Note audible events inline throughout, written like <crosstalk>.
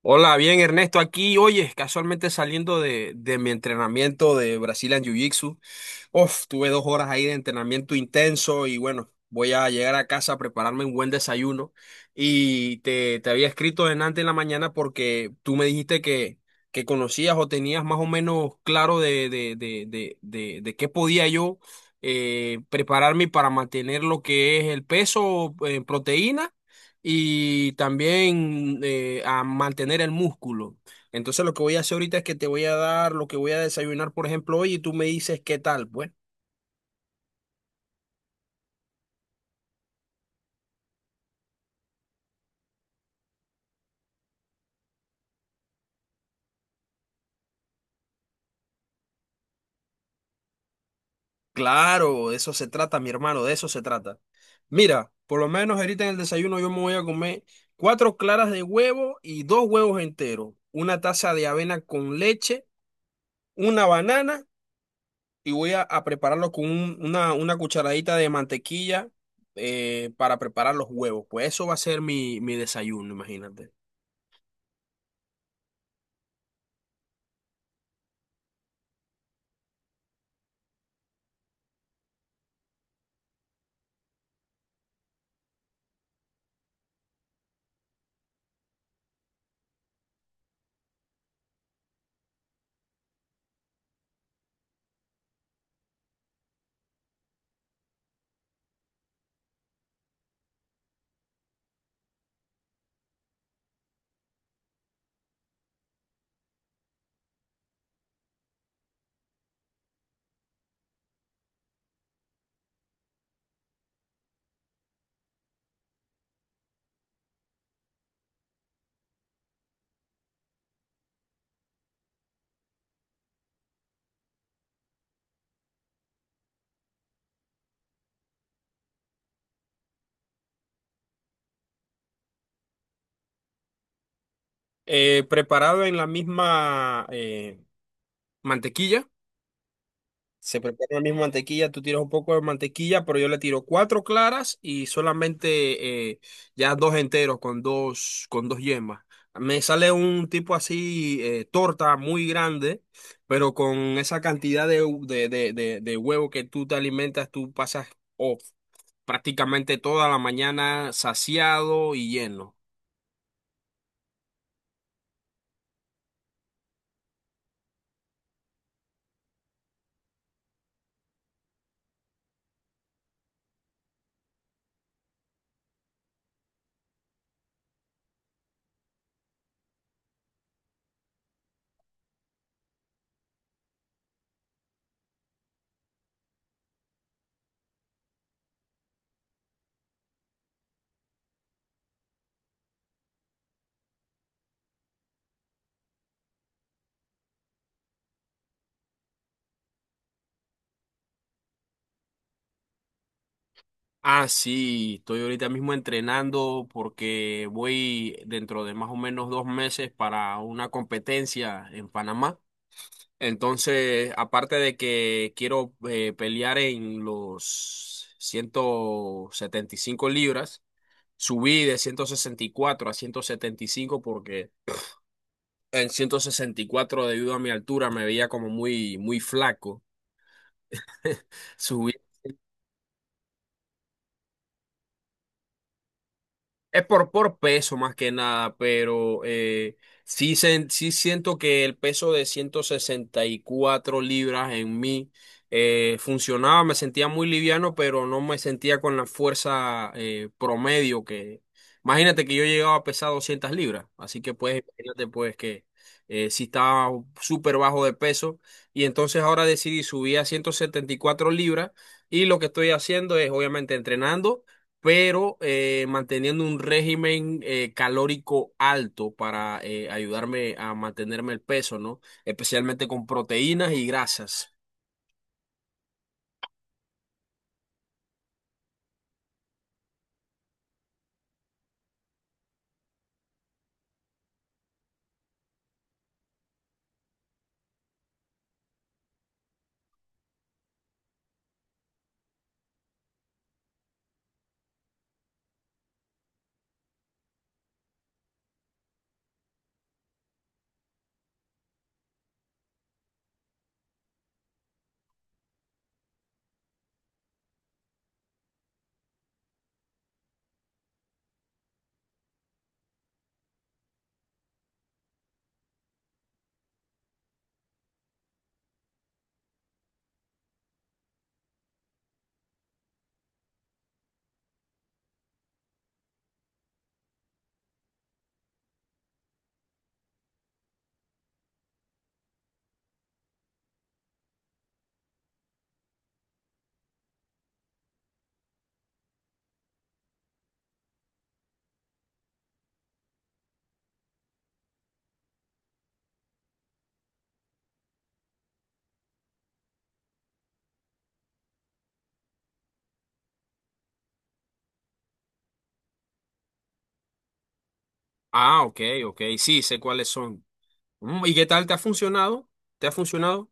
Hola, bien Ernesto, aquí, oye, casualmente saliendo de mi entrenamiento de Brazilian Jiu-Jitsu. Uf, tuve dos horas ahí de entrenamiento intenso y bueno, voy a llegar a casa a prepararme un buen desayuno. Y te había escrito delante en la mañana porque tú me dijiste que conocías o tenías más o menos claro de qué podía yo prepararme para mantener lo que es el peso en proteína y también a mantener el músculo. Entonces lo que voy a hacer ahorita es que te voy a dar lo que voy a desayunar, por ejemplo, hoy y tú me dices qué tal, pues. Claro, de eso se trata, mi hermano, de eso se trata. Mira, por lo menos ahorita en el desayuno yo me voy a comer cuatro claras de huevo y dos huevos enteros, una taza de avena con leche, una banana y voy a prepararlo con una cucharadita de mantequilla para preparar los huevos. Pues eso va a ser mi desayuno, imagínate. Preparado en la misma mantequilla. Se prepara la misma mantequilla, tú tiras un poco de mantequilla, pero yo le tiro cuatro claras y solamente ya dos enteros con con dos yemas. Me sale un tipo así, torta muy grande, pero con esa cantidad de, hu- de huevo que tú te alimentas, tú pasas oh, prácticamente toda la mañana saciado y lleno. Ah, sí, estoy ahorita mismo entrenando porque voy dentro de más o menos dos meses para una competencia en Panamá. Entonces, aparte de que quiero pelear en los 175 libras, subí de 164 a 175 porque en 164 debido a mi altura me veía como muy flaco. <laughs> Subí. Es por peso más que nada, pero sí, sí siento que el peso de 164 libras en mí funcionaba, me sentía muy liviano, pero no me sentía con la fuerza promedio que… Imagínate que yo llegaba a pesar 200 libras, así que pues imagínate pues que sí estaba súper bajo de peso y entonces ahora decidí subir a 174 libras y lo que estoy haciendo es obviamente entrenando pero manteniendo un régimen calórico alto para ayudarme a mantenerme el peso, ¿no? Especialmente con proteínas y grasas. Ah, ok, ok, sí, sé cuáles son. Mm, ¿y qué tal te ha funcionado? ¿Te ha funcionado?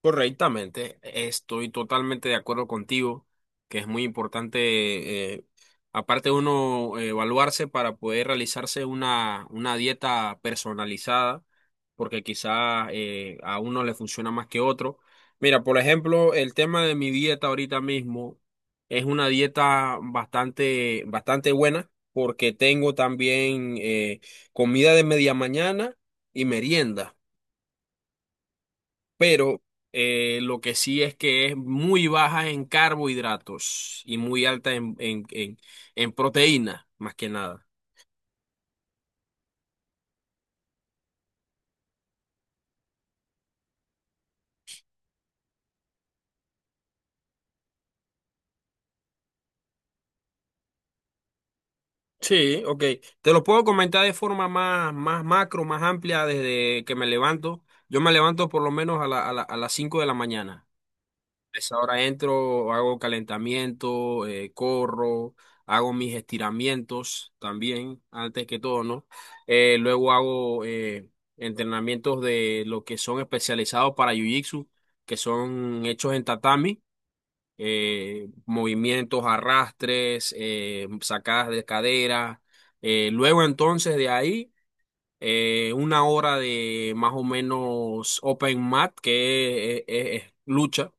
Correctamente, estoy totalmente de acuerdo contigo, que es muy importante, aparte de uno evaluarse para poder realizarse una dieta personalizada, porque quizá a uno le funciona más que otro. Mira, por ejemplo, el tema de mi dieta ahorita mismo es una dieta bastante buena, porque tengo también comida de media mañana y merienda, pero lo que sí es que es muy baja en carbohidratos y muy alta en proteína, más que nada. Sí, ok. Te lo puedo comentar de forma más macro, más amplia desde que me levanto. Yo me levanto por lo menos a las 5 de la mañana. Esa hora entro, hago calentamiento, corro, hago mis estiramientos también, antes que todo, ¿no? Luego hago entrenamientos de lo que son especializados para Jiu-Jitsu, que son hechos en tatami, movimientos, arrastres, sacadas de cadera. Luego entonces de ahí… una hora de más o menos open mat, que es lucha,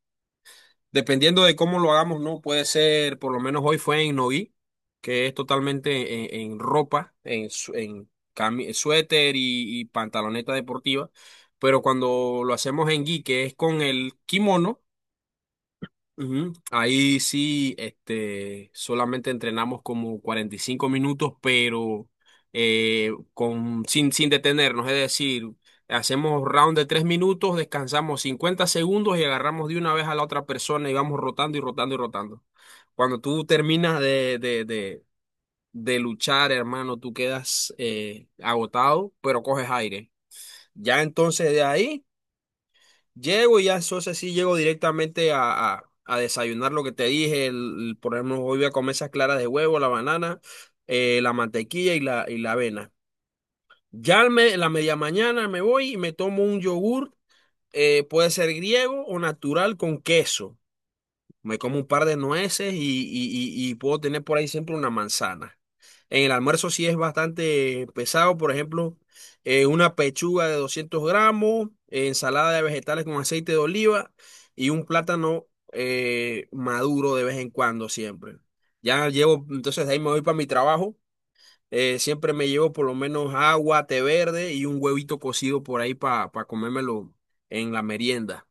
dependiendo de cómo lo hagamos, ¿no? Puede ser, por lo menos hoy fue en Nogi, que es totalmente en ropa, en suéter y pantaloneta deportiva. Pero cuando lo hacemos en Gi, que es con el kimono… Ujú. Ahí sí, este, solamente entrenamos como 45 minutos, pero con, sin detenernos, es decir, hacemos round de 3 minutos, descansamos 50 segundos y agarramos de una vez a la otra persona y vamos rotando y rotando y rotando. Cuando tú terminas de luchar, hermano, tú quedas agotado, pero coges aire. Ya entonces de ahí… llego y ya entonces sí llego directamente a desayunar lo que te dije. El, por ejemplo, hoy voy a comer esas claras de huevo, la banana, la mantequilla y la avena. Ya en la media mañana me voy y me tomo un yogur, puede ser griego o natural con queso. Me como un par de nueces y, y puedo tener por ahí siempre una manzana. En el almuerzo sí es bastante pesado, por ejemplo, una pechuga de 200 gramos, ensalada de vegetales con aceite de oliva y un plátano maduro de vez en cuando siempre. Ya llevo, entonces de ahí me voy para mi trabajo. Eh, siempre me llevo por lo menos agua, té verde y un huevito cocido por ahí para comérmelo en la merienda.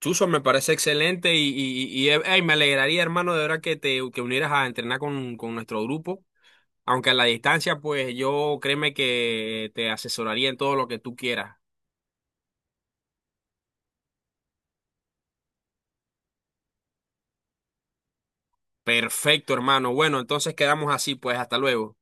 Chuso, me parece excelente y, ey, me alegraría, hermano, de verdad que te que unieras a entrenar con nuestro grupo. Aunque a la distancia, pues yo créeme que te asesoraría en todo lo que tú quieras. Perfecto, hermano. Bueno, entonces quedamos así, pues hasta luego.